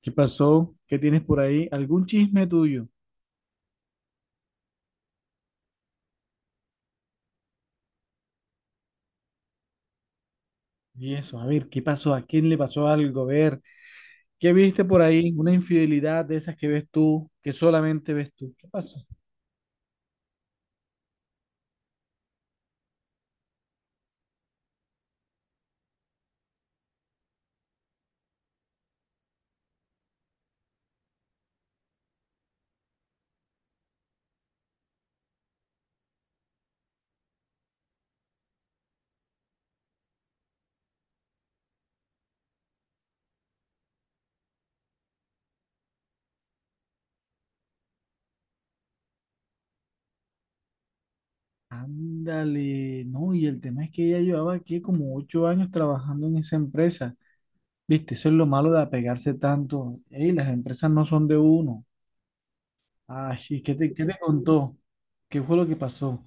¿Qué pasó? ¿Qué tienes por ahí? ¿Algún chisme tuyo? Y eso, a ver, ¿qué pasó? ¿A quién le pasó algo? A ver, ¿qué viste por ahí? Una infidelidad de esas que ves tú, que solamente ves tú. ¿Qué pasó? Ándale, no, y el tema es que ella llevaba aquí como 8 años trabajando en esa empresa. Viste, eso es lo malo de apegarse tanto. Ey, las empresas no son de uno. Ay, sí, ¿qué te contó? ¿Qué fue lo que pasó?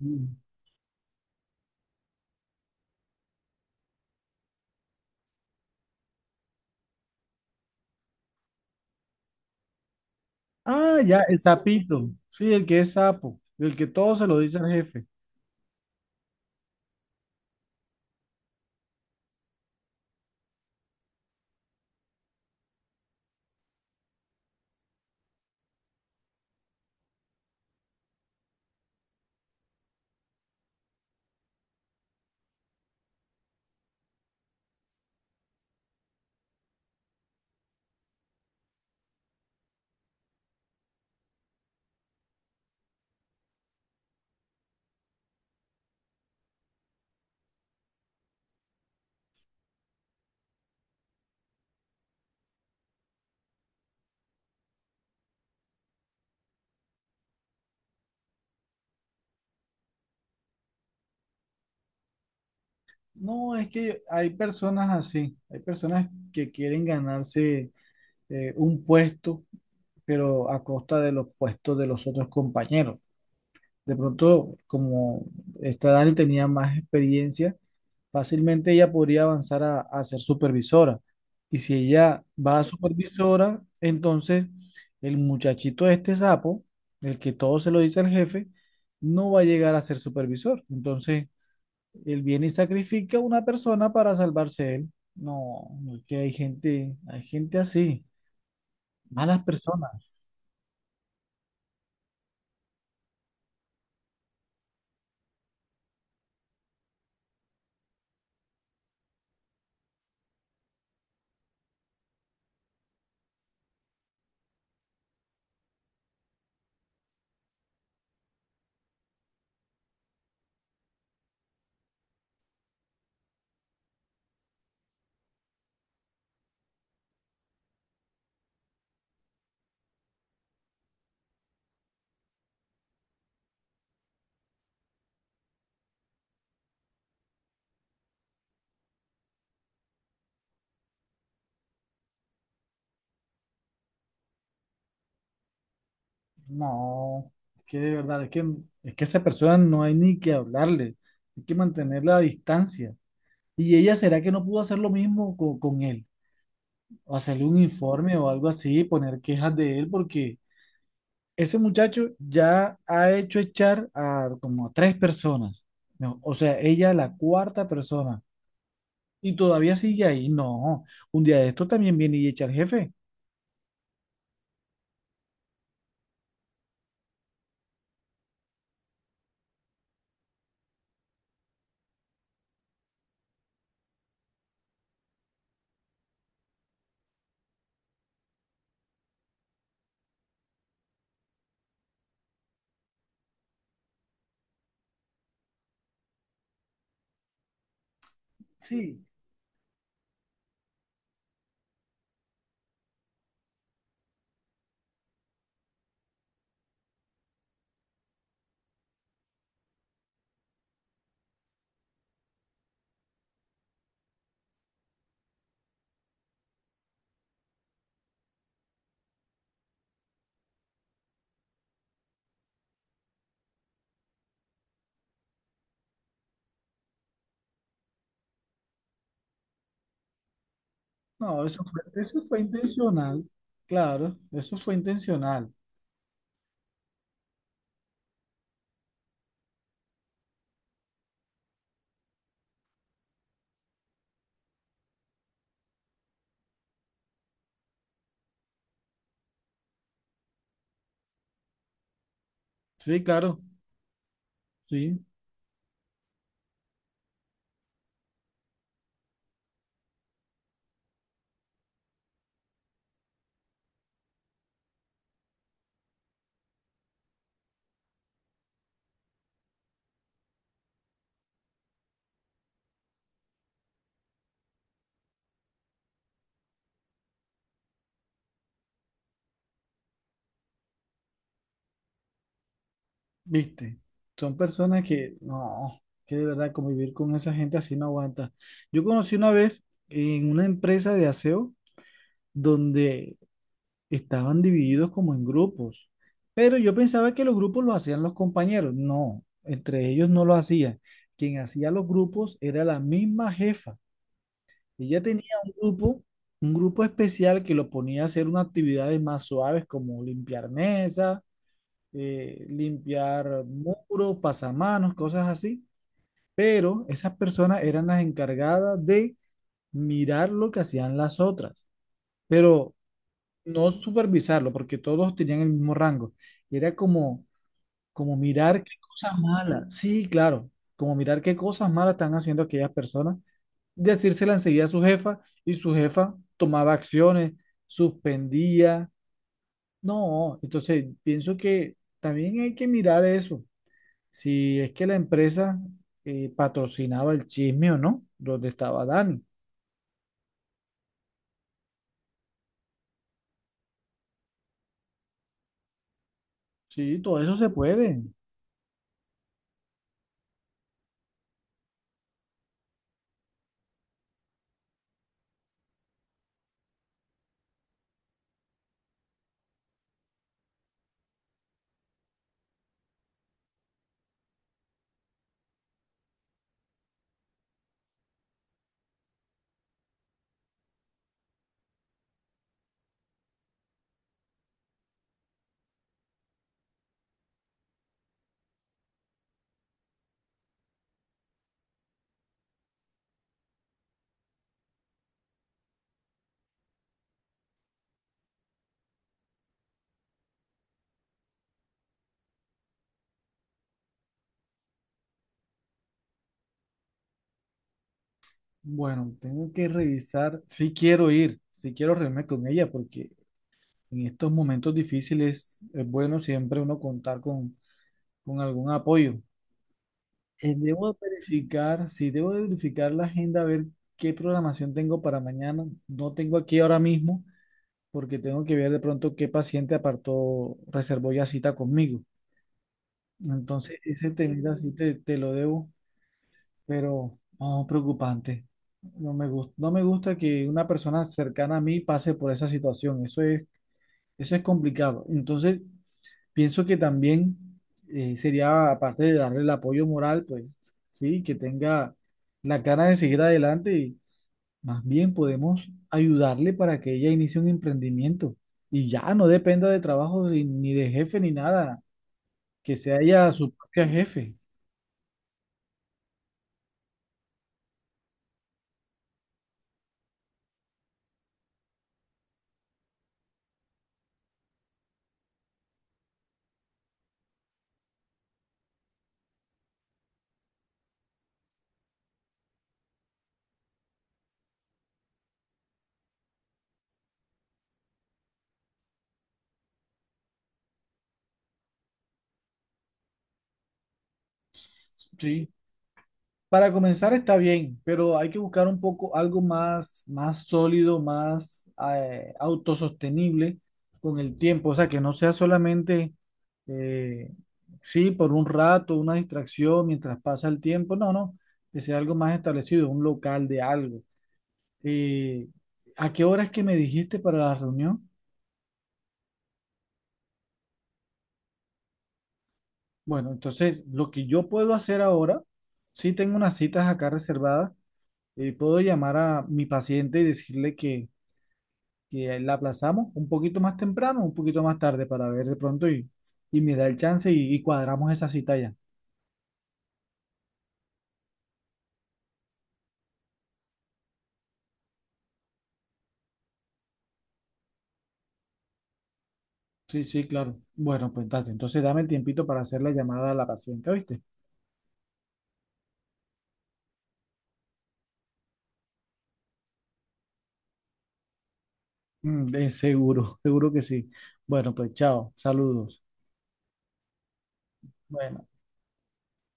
Mm. Ah, ya, el sapito. Sí, el que es sapo, el que todo se lo dice al jefe. No, es que hay personas así, hay personas que quieren ganarse un puesto, pero a costa de los puestos de los otros compañeros. De pronto, como esta Dani tenía más experiencia, fácilmente ella podría avanzar a ser supervisora. Y si ella va a supervisora, entonces el muchachito este sapo, el que todo se lo dice al jefe, no va a llegar a ser supervisor. Entonces, él viene y sacrifica a una persona para salvarse él. No, no es que hay gente así, malas personas. No, es que de verdad, es que a esa persona no hay ni que hablarle, hay que mantenerla a distancia. ¿Y ella será que no pudo hacer lo mismo con él? O hacerle un informe o algo así, poner quejas de él, porque ese muchacho ya ha hecho echar a como a tres personas. No, o sea, ella la cuarta persona. Y todavía sigue ahí. No, un día de esto también viene y echa al jefe. Sí. No, eso fue intencional. Claro, eso fue intencional. Sí, claro, sí, viste. Son personas que no, que de verdad convivir con esa gente así no aguanta. Yo conocí una vez en una empresa de aseo donde estaban divididos como en grupos, pero yo pensaba que los grupos los hacían los compañeros. No, entre ellos no lo hacían. Quien hacía los grupos era la misma jefa. Ella tenía un grupo especial que lo ponía a hacer unas actividades más suaves como limpiar mesas, limpiar muros, pasamanos, cosas así. Pero esas personas eran las encargadas de mirar lo que hacían las otras. Pero no supervisarlo, porque todos tenían el mismo rango. Y era como, como mirar qué cosas malas, sí, claro, como mirar qué cosas malas están haciendo aquellas personas, decírsela enseguida a su jefa y su jefa tomaba acciones, suspendía. No, entonces pienso que también hay que mirar eso, si es que la empresa patrocinaba el chisme o no, donde estaba Dani. Sí, todo eso se puede. Bueno, tengo que revisar. Sí quiero ir, sí quiero reunirme con ella, porque en estos momentos difíciles es bueno siempre uno contar con algún apoyo. Debo verificar, sí, debo de verificar la agenda, a ver qué programación tengo para mañana. No tengo aquí ahora mismo, porque tengo que ver de pronto qué paciente apartó, reservó ya cita conmigo. Entonces, ese tema, así te lo debo. Pero preocupante. No me gusta, no me gusta que una persona cercana a mí pase por esa situación. Eso es complicado. Entonces, pienso que también, sería, aparte de darle el apoyo moral, pues sí, que tenga la cara de seguir adelante y más bien podemos ayudarle para que ella inicie un emprendimiento y ya no dependa de trabajo ni de jefe ni nada, que sea ella su propia jefe. Sí. Para comenzar está bien, pero hay que buscar un poco algo más, más sólido, más autosostenible con el tiempo. O sea, que no sea solamente, eh, sí, por un rato, una distracción mientras pasa el tiempo. No, no, que sea algo más establecido, un local de algo. Eh, ¿A qué hora es que me dijiste para la reunión? Bueno, entonces lo que yo puedo hacer ahora, sí tengo unas citas acá reservadas, puedo llamar a mi paciente y decirle que la aplazamos un poquito más temprano, un poquito más tarde para ver de pronto y me da el chance y cuadramos esa cita ya. Sí, sí, claro. Bueno, pues date. Entonces dame el tiempito para hacer la llamada a la paciente, ¿oíste? Mm, de seguro, seguro que sí. Bueno, pues chao, saludos. Bueno.